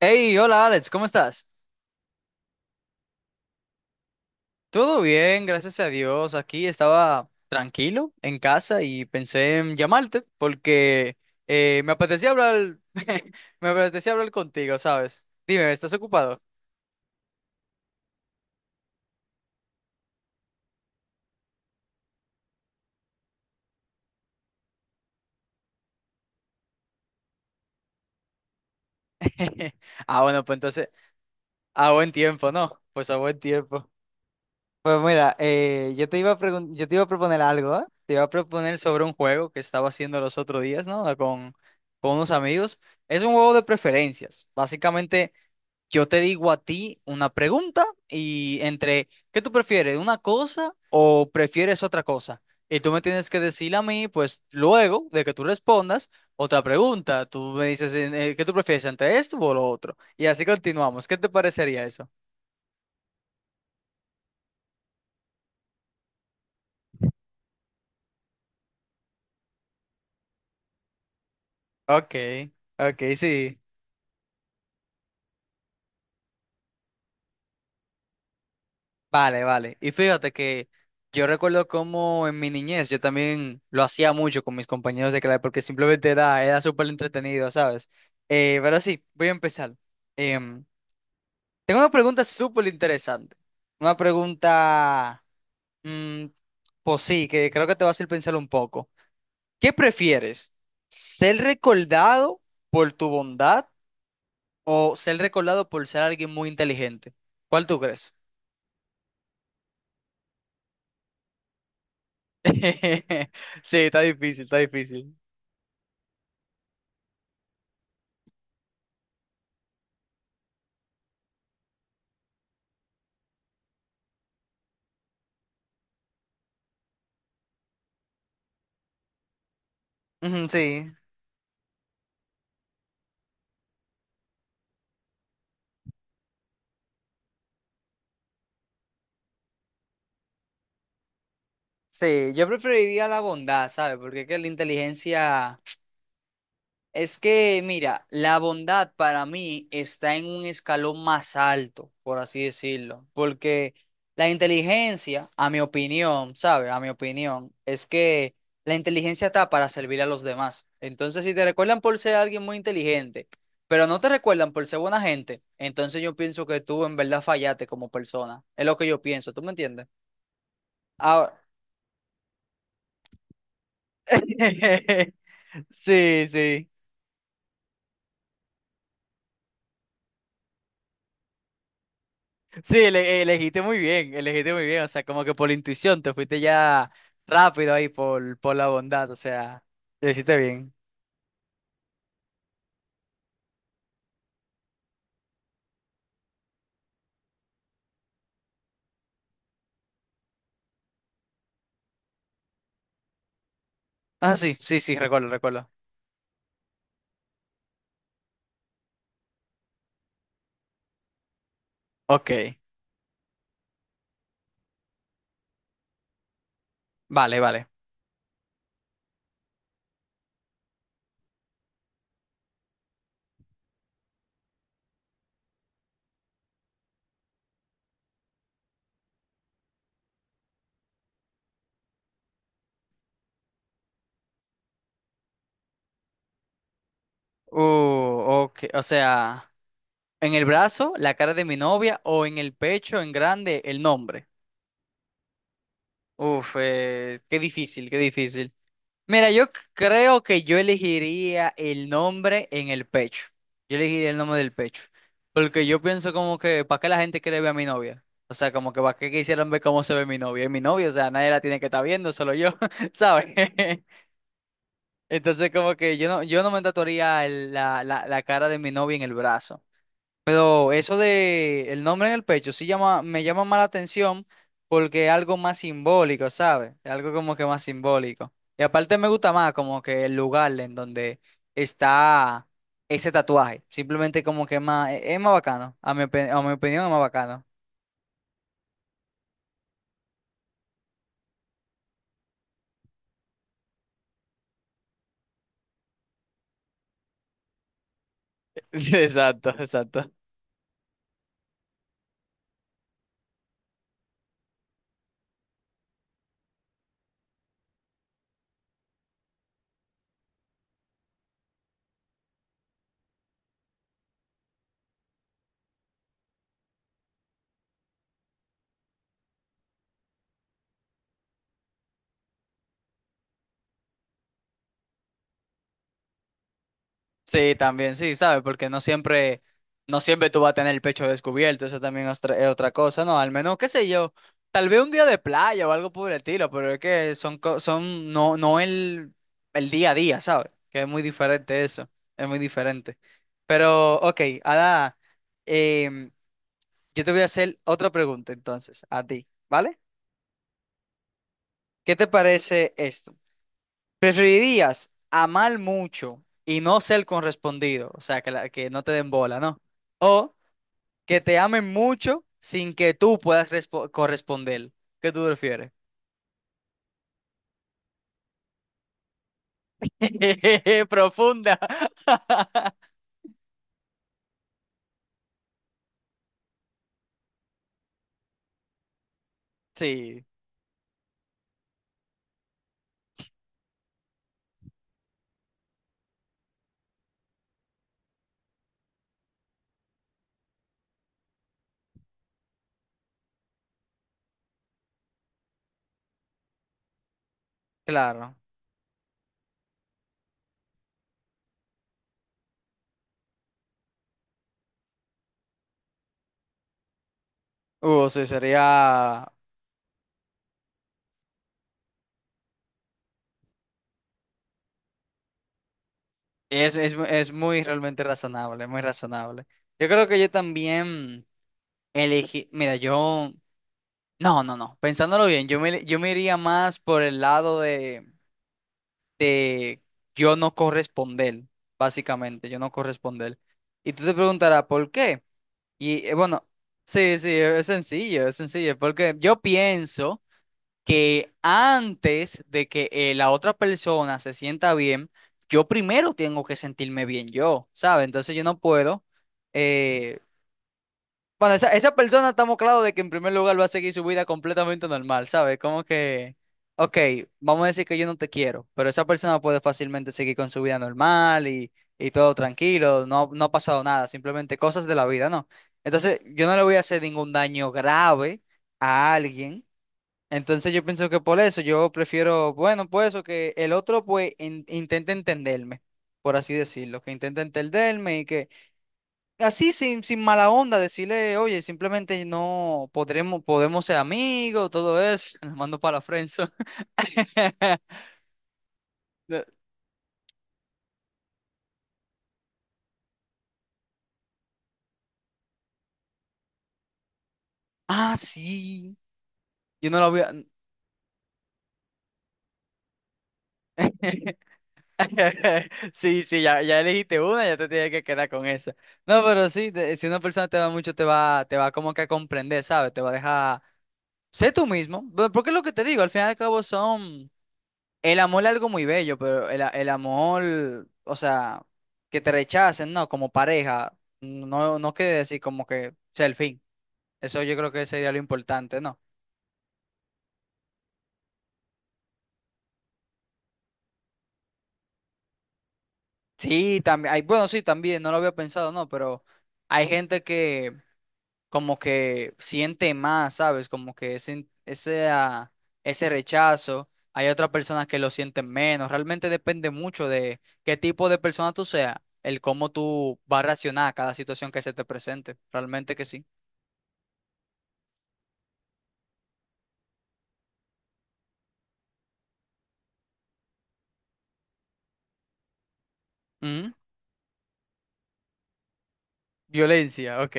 Hey, hola Alex, ¿cómo estás? Todo bien, gracias a Dios. Aquí estaba tranquilo en casa y pensé en llamarte porque me apetecía hablar, me apetecía hablar contigo, ¿sabes? Dime, ¿estás ocupado? Ah, bueno, pues entonces, a buen tiempo, ¿no? Pues a buen tiempo. Pues mira, yo te iba a proponer algo, ¿eh? Te iba a proponer sobre un juego que estaba haciendo los otros días, ¿no? Con unos amigos. Es un juego de preferencias. Básicamente. Yo te digo a ti una pregunta y entre, ¿qué tú prefieres? ¿Una cosa o prefieres otra cosa? Y tú me tienes que decir a mí, pues luego de que tú respondas, otra pregunta. Tú me dices, ¿qué tú prefieres entre esto o lo otro? Y así continuamos. ¿Qué te parecería eso? Ok, ok, sí. Vale, vale. Y fíjate que yo recuerdo cómo en mi niñez yo también lo hacía mucho con mis compañeros de clase porque simplemente era súper entretenido, ¿sabes? Pero sí, voy a empezar. Em, Tengo una pregunta súper interesante. Una pregunta, mm, pues sí, que creo que te va a hacer pensar un poco. ¿Qué prefieres? ¿Ser recordado por tu bondad o ser recordado por ser alguien muy inteligente? ¿Cuál tú crees? Sí, está difícil, está difícil. Ujú. Sí, sí, yo preferiría la bondad, ¿sabes? Porque es que la inteligencia... Es que, mira, la bondad para mí está en un escalón más alto, por así decirlo. Porque la inteligencia, a mi opinión, ¿sabes? A mi opinión, es que la inteligencia está para servir a los demás. Entonces, si te recuerdan por ser alguien muy inteligente, pero no te recuerdan por ser buena gente, entonces yo pienso que tú en verdad fallaste como persona. Es lo que yo pienso, ¿tú me entiendes? Ahora... Sí, sí. Sí, elegiste muy bien, elegiste muy bien. O sea, como que por la intuición te fuiste ya rápido ahí por la bondad. O sea, lo hiciste bien. Ah, sí, sí, sí, recuerdo, recuerdo. Ok, vale, vale. Uh, ok, o sea, en el brazo, la cara de mi novia o en el pecho, en grande, el nombre. Uf, qué difícil, qué difícil. Mira, creo que yo elegiría el nombre en el pecho. Yo elegiría el nombre del pecho. Porque yo pienso como que, ¿para qué la gente quiere ver a mi novia? O sea, como que ¿para qué quisieran ver cómo se ve mi novia? Es mi novia, o sea, nadie la tiene que estar viendo, solo yo, ¿sabes? Entonces como que yo no me tatuaría la cara de mi novia en el brazo. Pero eso de el nombre en el pecho sí llama, me llama más la atención porque es algo más simbólico, ¿sabes? Es algo como que más simbólico. Y aparte me gusta más como que el lugar en donde está ese tatuaje. Simplemente como que es más bacano. A a mi opinión es más bacano. Exacto, exacto. Sí, también, sí, ¿sabes? Porque no siempre tú vas a tener el pecho descubierto, eso también es otra cosa, ¿no? Al menos, qué sé yo, tal vez un día de playa o algo por el estilo, pero es que son, co- son, no, no el, el día a día, ¿sabes? Que es muy diferente eso, es muy diferente. Pero, ok, Ada, em, yo te voy a hacer otra pregunta entonces, a ti, ¿vale? ¿Qué te parece esto? ¿Preferirías amar mucho y no ser correspondido? O sea, que, que no te den bola, ¿no? O que te amen mucho sin que tú puedas corresponder. ¿Qué tú prefieres? Profunda. Sí, claro. Sí, sería... Es, es muy realmente razonable, muy razonable. Yo creo que yo también elegí... Mira, yo... No, no, no. Pensándolo bien, yo me iría más por el lado de yo no corresponder, básicamente, yo no corresponder. Y tú te preguntarás, ¿por qué? Y bueno, sí, sí, es sencillo, porque yo pienso que antes de que la otra persona se sienta bien, yo primero tengo que sentirme bien yo, ¿sabes? Entonces yo no puedo. Eh, esa persona estamos claros de que en primer lugar va a seguir su vida completamente normal, ¿sabes? Como que, ok, vamos a decir que yo no te quiero, pero esa persona puede fácilmente seguir con su vida normal y todo tranquilo, no, no ha pasado nada, simplemente cosas de la vida, ¿no? Entonces, yo no le voy a hacer ningún daño grave a alguien. Entonces, yo pienso que por eso yo prefiero, bueno, pues eso, que el otro intente entenderme, por así decirlo, que intente entenderme y que así sin mala onda, decirle, oye, simplemente no podremos, podemos ser amigos, todo eso. Los mando para la friendzone. De- Ah, sí. Yo no la voy a... Sí, sí, ya elegiste una, ya te tienes que quedar con esa. No, pero sí, si una persona te va mucho, te va como que a comprender, ¿sabes? Te va a dejar... Sé tú mismo, porque es lo que te digo, al final y al cabo son... El amor es algo muy bello, pero el amor, o sea, que te rechacen, ¿no? Como pareja, no quiere decir como que sea el fin. Eso yo creo que sería lo importante, ¿no? Sí, también, hay, bueno, sí, también, no lo había pensado, ¿no? Pero hay gente que como que siente más, ¿sabes? Como que ese rechazo. Hay otras personas que lo sienten menos. Realmente depende mucho de qué tipo de persona tú seas, el cómo tú vas a reaccionar a cada situación que se te presente. Realmente que sí. Ujú. Violencia, ok.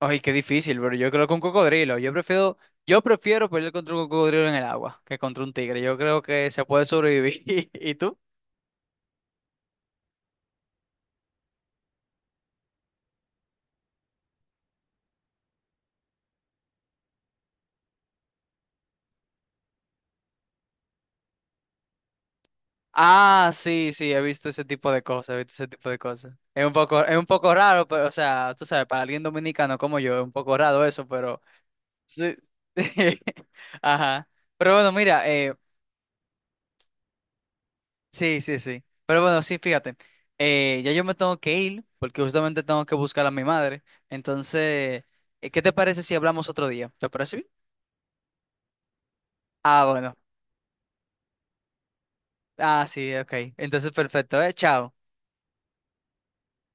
Ay, qué difícil, pero yo creo que un cocodrilo. Yo prefiero pelear contra un cocodrilo en el agua que contra un tigre. Yo creo que se puede sobrevivir. ¿Y tú? Ah, sí, sí, he visto ese tipo de cosas, he visto ese tipo de cosas. Es un poco raro, pero, o sea, tú sabes, para alguien dominicano como yo, es un poco raro eso, pero sí. Ajá. Pero bueno, mira, sí, sí, sí. Pero bueno, sí, fíjate, ya yo me tengo que ir, porque justamente tengo que buscar a mi madre. Entonces, ¿qué te parece si hablamos otro día? ¿Te parece bien? Ah, bueno. Ah, sí, ok. Entonces, perfecto, eh. Chao.